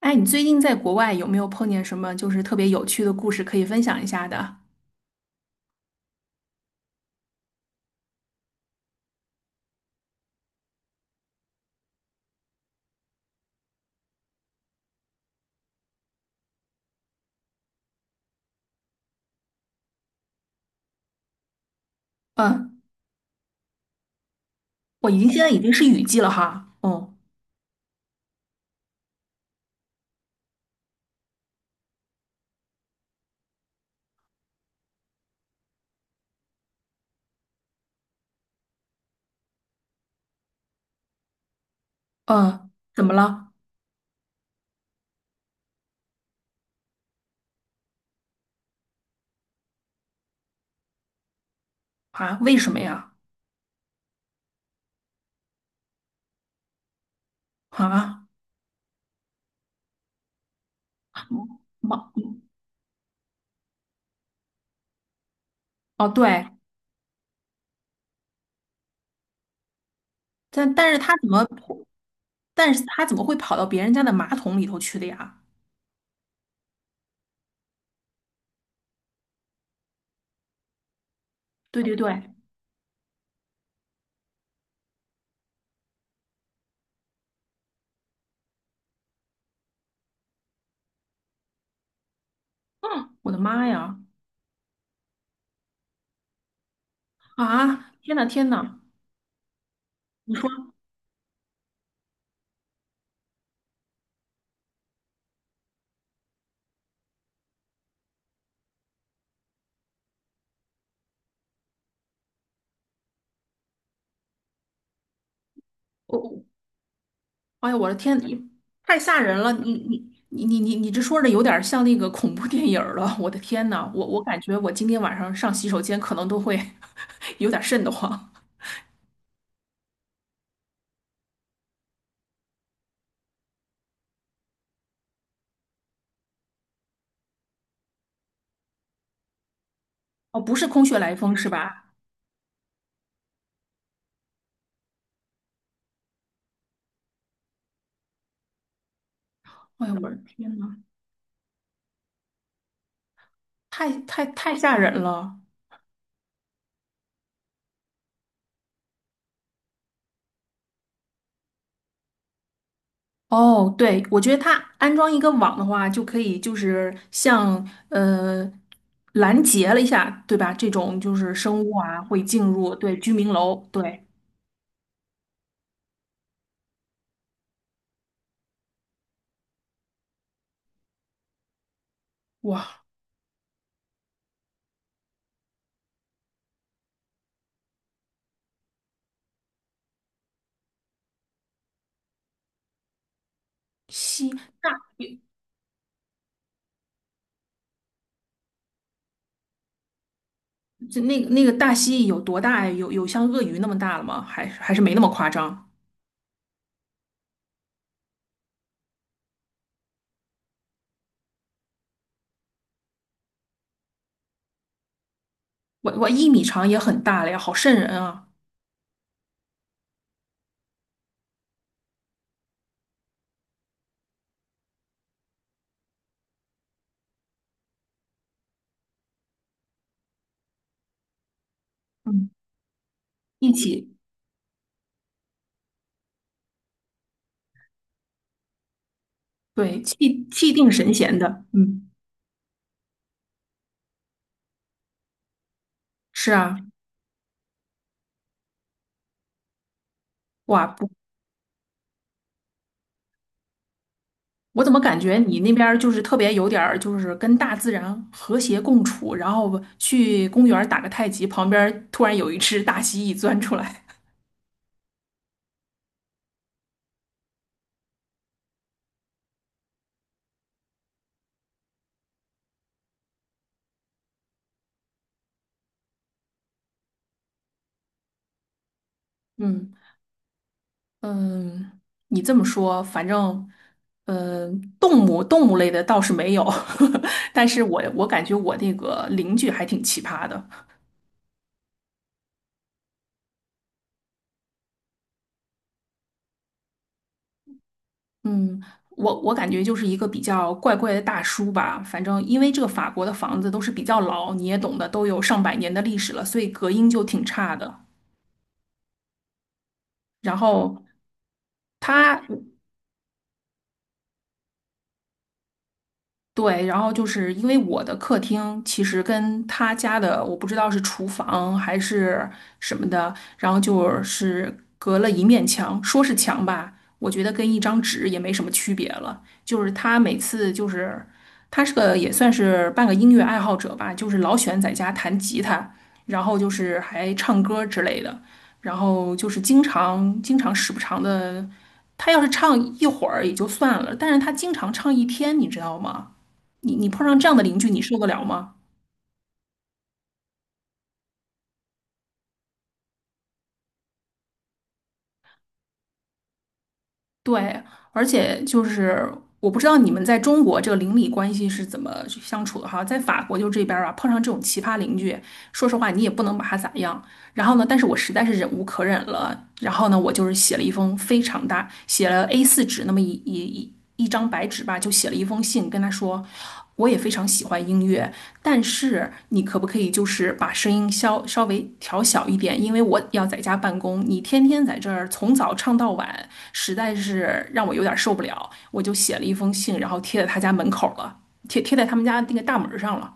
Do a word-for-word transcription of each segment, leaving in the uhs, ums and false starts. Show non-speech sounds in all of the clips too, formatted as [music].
哎，你最近在国外有没有碰见什么就是特别有趣的故事可以分享一下的？嗯，我已经现在已经是雨季了哈。哦，嗯，怎么了？啊？为什么呀？啊？马哦，对，但但是他怎么，但是他怎么会跑到别人家的马桶里头去的呀？对对对，嗯，我的妈呀！啊，天呐天呐，你说。我我。哎呀，我的天，你太吓人了！你你你你你你这说的有点像那个恐怖电影儿了。我的天呐，我我感觉我今天晚上上洗手间可能都会 [laughs] 有点瘆得慌。哦，不是空穴来风是吧？哎呀，我的天呐，太太太吓人了。哦，对，我觉得它安装一个网的话，就可以就是像呃拦截了一下，对吧？这种就是生物啊会进入对居民楼，对，哇，西。那。就那个那个大蜥蜴有多大呀？有有像鳄鱼那么大了吗？还还是没那么夸张？我我一米长也很大了呀，好瘆人啊！嗯，一起，对，气气定神闲的，嗯，是啊，哇，不，我怎么感觉你那边儿就是特别有点儿就是跟大自然和谐共处，然后去公园儿打个太极，旁边儿突然有一只大蜥蜴钻出来，嗯。嗯，你这么说，反正，呃，动物动物类的倒是没有，[laughs] 但是我我感觉我那个邻居还挺奇葩的。嗯，我我感觉就是一个比较怪怪的大叔吧。反正因为这个法国的房子都是比较老，你也懂得，都有上百年的历史了，所以隔音就挺差的。然后他对，然后就是因为我的客厅其实跟他家的，我不知道是厨房还是什么的，然后就是隔了一面墙，说是墙吧，我觉得跟一张纸也没什么区别了。就是他每次就是他是个也算是半个音乐爱好者吧，就是老喜欢在家弹吉他，然后就是还唱歌之类的，然后就是经常经常时不常的，他要是唱一会儿也就算了，但是他经常唱一天，你知道吗？你你碰上这样的邻居，你受得了吗？对，而且就是我不知道你们在中国这个邻里关系是怎么去相处的哈，在法国就这边儿啊，碰上这种奇葩邻居，说实话你也不能把他咋样。然后呢，但是我实在是忍无可忍了，然后呢，我就是写了一封非常大，写了 a 四纸那么一一一一张白纸吧，就写了一封信，跟他说，我也非常喜欢音乐，但是你可不可以就是把声音稍稍微调小一点，因为我要在家办公，你天天在这儿从早唱到晚，实在是让我有点受不了。我就写了一封信，然后贴在他家门口了，贴贴在他们家那个大门上了。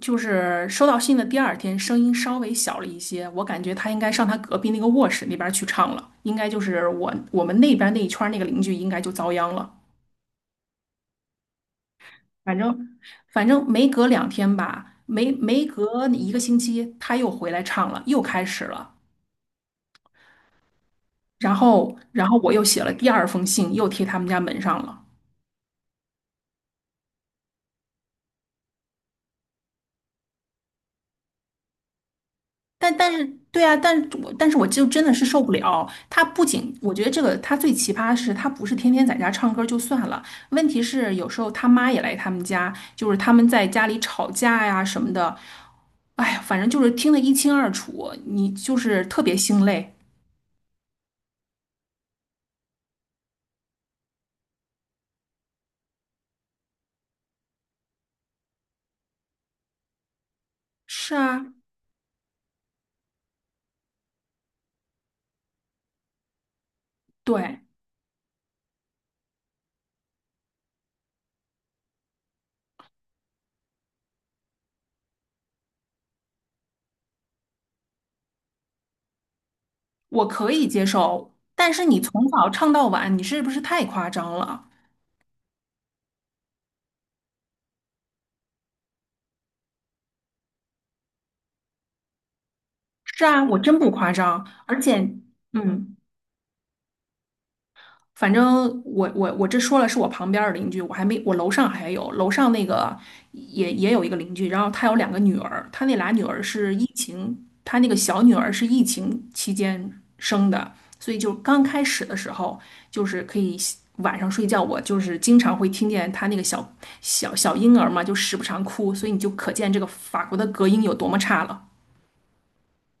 就是收到信的第二天，声音稍微小了一些，我感觉他应该上他隔壁那个卧室那边去唱了，应该就是我我们那边那一圈那个邻居应该就遭殃了。反正反正没隔两天吧，没没隔一个星期，他又回来唱了，又开始了。然后然后我又写了第二封信，又贴他们家门上了。但但是对啊，但是我但是我就真的是受不了。他不仅我觉得这个他最奇葩的是，他不是天天在家唱歌就算了，问题是有时候他妈也来他们家，就是他们在家里吵架呀什么的。哎呀，反正就是听得一清二楚，你就是特别心累。是啊，对。我可以接受，但是你从早唱到晚，你是不是太夸张了？是啊，我真不夸张，而且，嗯，反正我我我这说了是我旁边儿的邻居，我还没我楼上还有楼上那个也也有一个邻居，然后他有两个女儿，他那俩女儿是疫情，他那个小女儿是疫情期间生的，所以就刚开始的时候就是可以晚上睡觉，我就是经常会听见他那个小小小婴儿嘛，就时不常哭，所以你就可见这个法国的隔音有多么差了。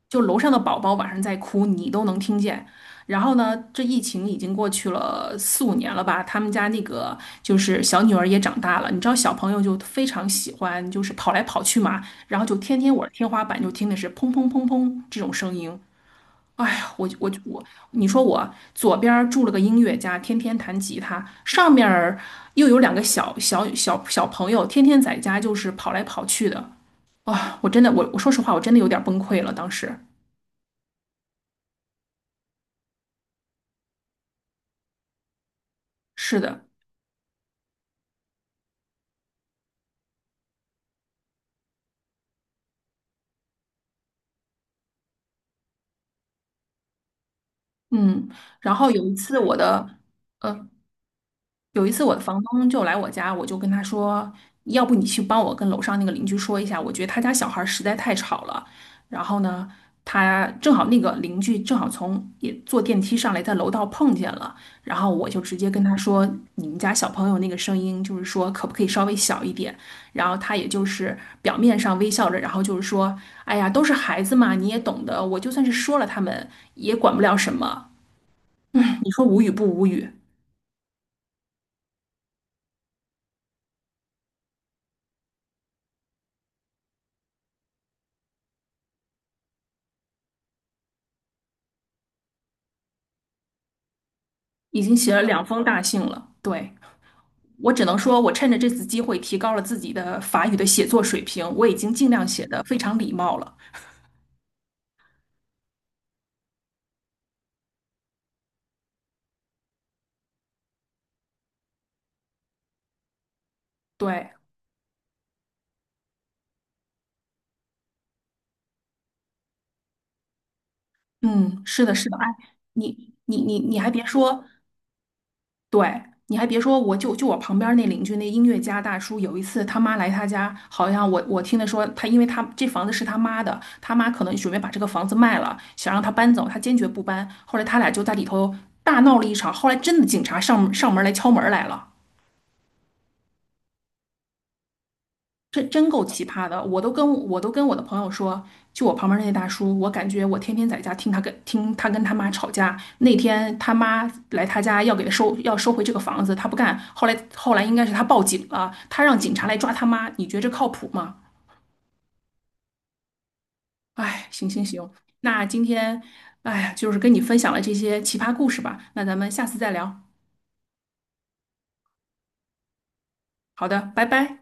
就楼上的宝宝晚上在哭，你都能听见。然后呢，这疫情已经过去了四五年了吧，他们家那个就是小女儿也长大了，你知道小朋友就非常喜欢就是跑来跑去嘛，然后就天天我的天花板就听的是砰砰砰砰这种声音。哎呀，我我我，你说我左边儿住了个音乐家，天天弹吉他，上面儿又有两个小小小小朋友，天天在家就是跑来跑去的。啊、我真的，我我说实话，我真的有点崩溃了。当时是的，嗯，然后有一次我的，呃，有一次我的房东就来我家，我就跟他说，要不你去帮我跟楼上那个邻居说一下，我觉得他家小孩儿实在太吵了。然后呢，他正好那个邻居正好从也坐电梯上来，在楼道碰见了，然后我就直接跟他说，你们家小朋友那个声音，就是说可不可以稍微小一点？然后他也就是表面上微笑着，然后就是说，哎呀，都是孩子嘛，你也懂得，我就算是说了他们，也管不了什么。你说无语不无语？已经写了两封大信了。对，我只能说，我趁着这次机会提高了自己的法语的写作水平，我已经尽量写的非常礼貌了。对，嗯，是的，是的。哎，你你你你还别说，对，你还别说，我就就我旁边那邻居那音乐家大叔，有一次他妈来他家，好像我我听他说他，因为他这房子是他妈的，他妈可能准备把这个房子卖了，想让他搬走，他坚决不搬。后来他俩就在里头大闹了一场，后来真的警察上上门来敲门来了。真真够奇葩的，我都跟我都跟我的朋友说，就我旁边那些大叔，我感觉我天天在家听他跟听他跟他妈吵架。那天他妈来他家要给他收要收回这个房子，他不干。后来后来应该是他报警了，他让警察来抓他妈。你觉得这靠谱吗？哎，行行行，那今天哎呀，就是跟你分享了这些奇葩故事吧。那咱们下次再聊。好的，拜拜。